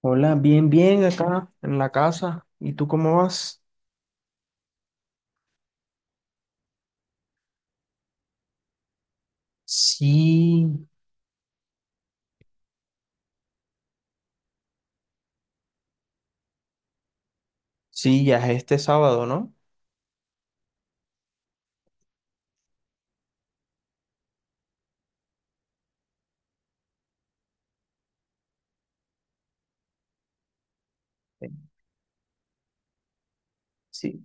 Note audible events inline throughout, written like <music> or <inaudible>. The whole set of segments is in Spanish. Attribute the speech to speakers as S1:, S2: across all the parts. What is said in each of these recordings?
S1: Hola, bien, bien acá en la casa. ¿Y tú cómo vas? Sí, sí, ya es este sábado, ¿no? Sí.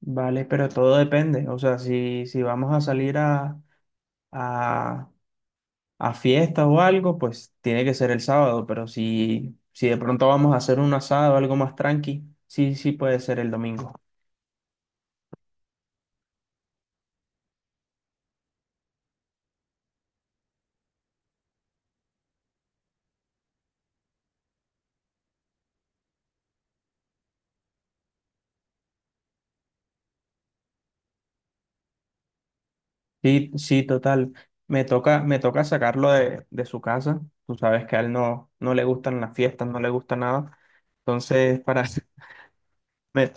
S1: Vale, pero todo depende. O sea, si vamos a salir a, a fiesta o algo, pues tiene que ser el sábado. Pero si de pronto vamos a hacer un asado, algo más tranqui, sí, sí puede ser el domingo. Sí, sí, total. Me toca sacarlo de su casa. Tú sabes que a él no, no le gustan las fiestas, no le gusta nada. Entonces, <laughs> Me-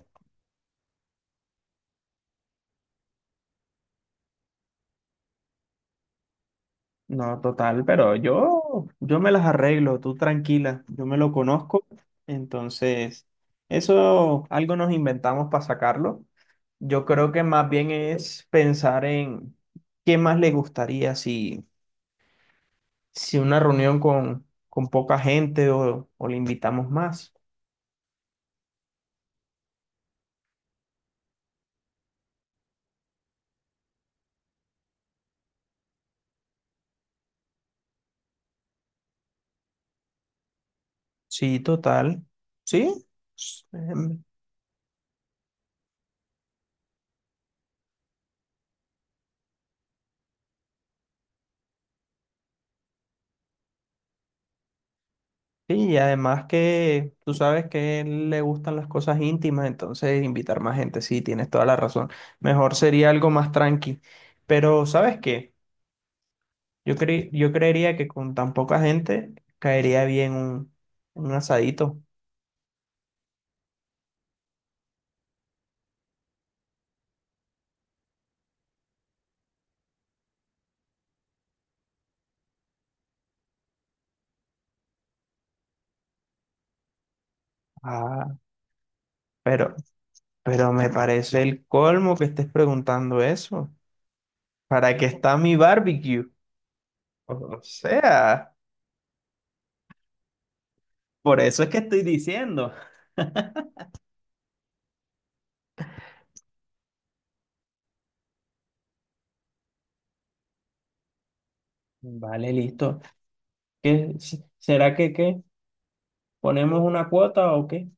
S1: No, total, pero yo me las arreglo, tú tranquila, yo me lo conozco, entonces eso algo nos inventamos para sacarlo. Yo creo que más bien es pensar en qué más le gustaría si una reunión con poca gente o le invitamos más. Sí, total. Sí, sí, y además que tú sabes que él le gustan las cosas íntimas, entonces invitar más gente, sí, tienes toda la razón. Mejor sería algo más tranqui. Pero, ¿sabes qué? Yo creería que con tan poca gente caería bien un asadito. Ah, pero, pero me parece el colmo que estés preguntando eso. ¿Para qué está mi barbecue? O sea, por eso es que estoy diciendo. Vale, listo. ¿Qué, será que qué? ¿Ponemos una cuota o qué?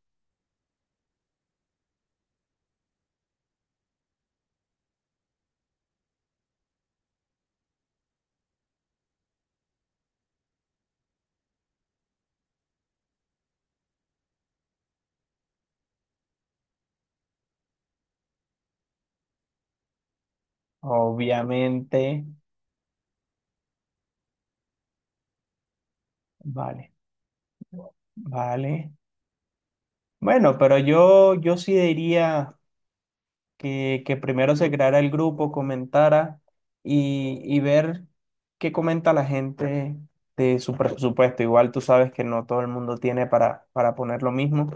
S1: Obviamente, vale, vale. Bueno, pero yo sí diría que primero se creara el grupo, comentara y ver qué comenta la gente de su presupuesto. Igual tú sabes que no todo el mundo tiene para poner lo mismo.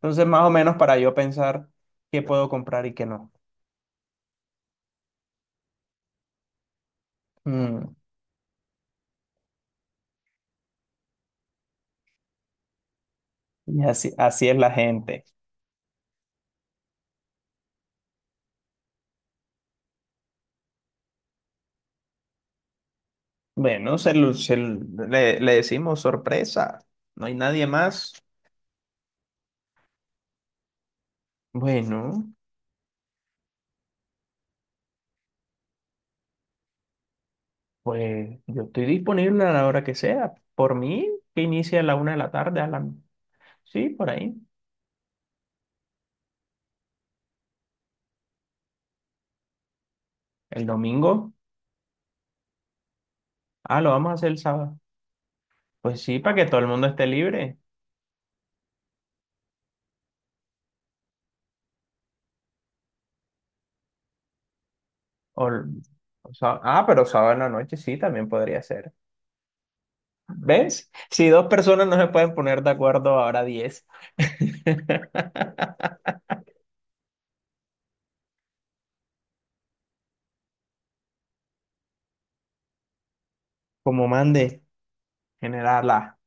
S1: Entonces, más o menos para yo pensar qué puedo comprar y qué no. Mm, y así, así es la gente. Bueno, le decimos sorpresa, no hay nadie más. Bueno, pues yo estoy disponible a la hora que sea. Por mí, que inicie a la una de la tarde, a la. Sí, por ahí. El domingo. Ah, lo vamos a hacer el sábado. Pues sí, para que todo el mundo esté libre. O, pero sábado en la noche sí, también podría ser. ¿Ves? Si dos personas no se pueden poner de acuerdo, ahora 10. <laughs> Como mande, generala.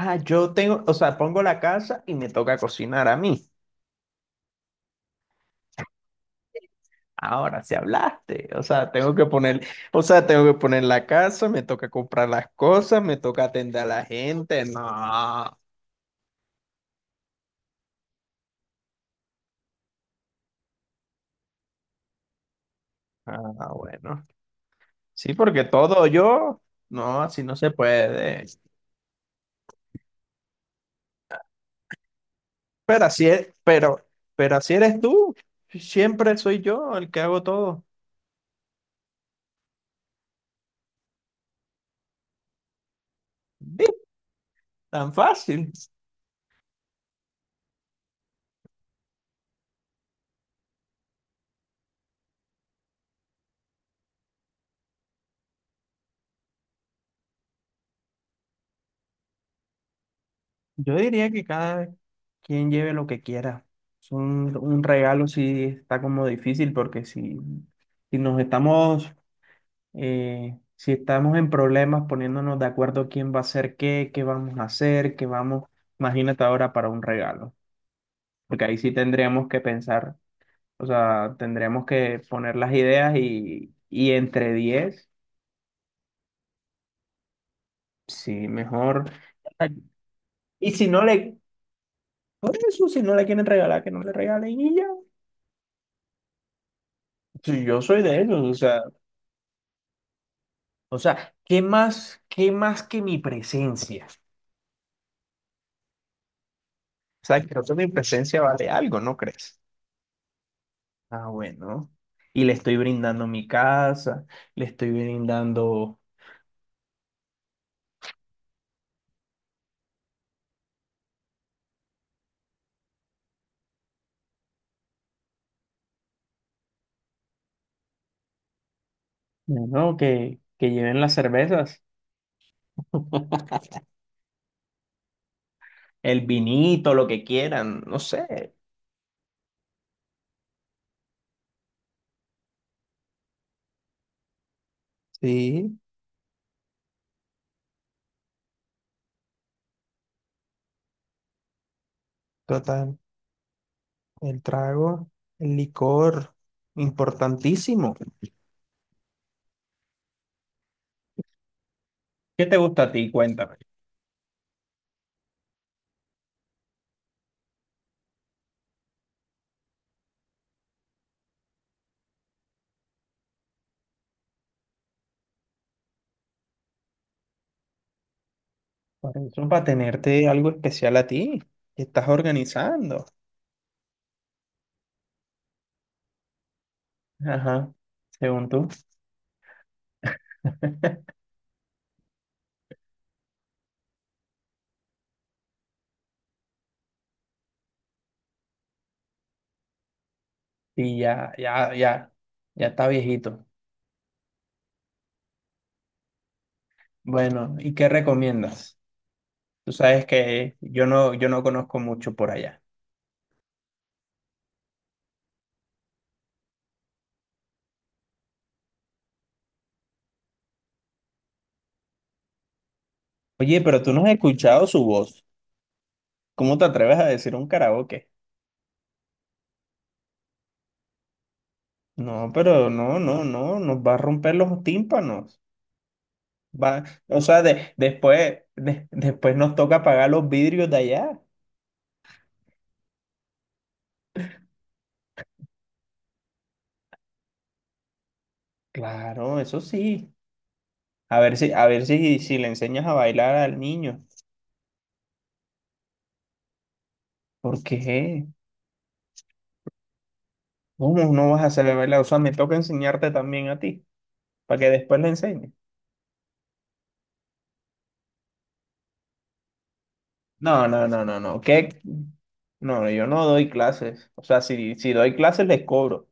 S1: Ah, yo tengo, o sea, pongo la casa y me toca cocinar a mí. Ahora sí hablaste. O sea, tengo que poner, o sea, tengo que poner la casa, me toca comprar las cosas, me toca atender a la gente. No. Ah, bueno. Sí, porque todo yo, no, así no se puede. Pero así es, pero así eres tú. Siempre soy yo el que hago todo. ¿Ves? Tan fácil. Yo diría que cada quien lleve lo que quiera. Es un regalo sí está como difícil porque si nos estamos, si estamos en problemas poniéndonos de acuerdo quién va a hacer qué, qué vamos a hacer, qué vamos, imagínate ahora para un regalo, porque ahí sí tendríamos que pensar, o sea, tendríamos que poner las ideas y entre 10 sí, mejor. Y por eso, si no le quieren regalar, que no le regalen y ya. Sí, yo soy de ellos, o sea, qué más que mi presencia? O sea, creo que mi presencia vale algo, ¿no crees? Ah, bueno. Y le estoy brindando mi casa, le estoy brindando, bueno, que lleven las cervezas, <laughs> el vinito, lo que quieran, no sé. Sí, total. El trago, el licor, importantísimo. ¿Qué te gusta a ti? Cuéntame. Por eso, para tenerte algo especial a ti, que estás organizando. Ajá, según tú. <laughs> Y ya, ya, ya, ya está viejito. Bueno, ¿y qué recomiendas? Tú sabes que yo no conozco mucho por allá. Oye, pero tú no has escuchado su voz. ¿Cómo te atreves a decir un karaoke? No, pero no, no, no, nos va a romper los tímpanos. Va, o sea, después nos toca pagar los vidrios de allá. Claro, eso sí. A ver si le enseñas a bailar al niño. ¿Por qué? ¿Cómo no vas a saber bailar? O sea, me toca enseñarte también a ti, para que después le enseñes. No, no, no, no, no. ¿Qué? No, yo no doy clases. O sea, si doy clases les cobro.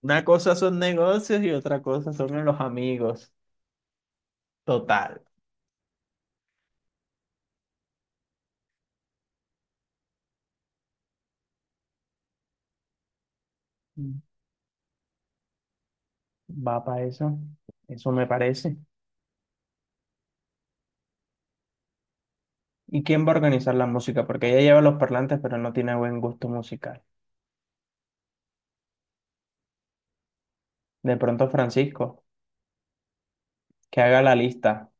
S1: Una cosa son negocios y otra cosa son los amigos. Total. Va para eso. Eso me parece. ¿Y quién va a organizar la música? Porque ella lleva los parlantes, pero no tiene buen gusto musical. De pronto Francisco, que haga la lista.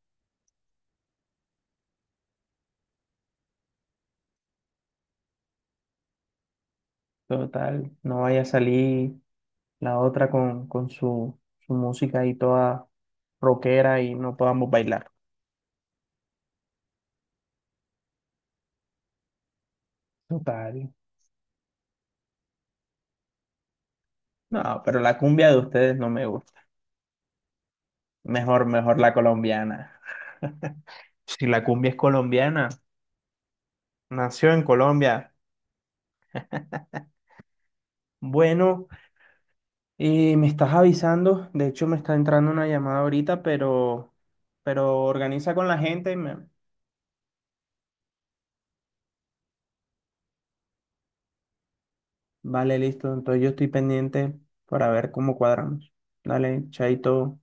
S1: Total, no vaya a salir la otra con su música ahí toda rockera y no podamos bailar. Total. No, pero la cumbia de ustedes no me gusta. Mejor, mejor la colombiana. Si la cumbia es colombiana, nació en Colombia. Bueno, me estás avisando. De hecho, me está entrando una llamada ahorita, pero organiza con la gente y me. Vale, listo. Entonces yo estoy pendiente para ver cómo cuadramos. Dale, chaito.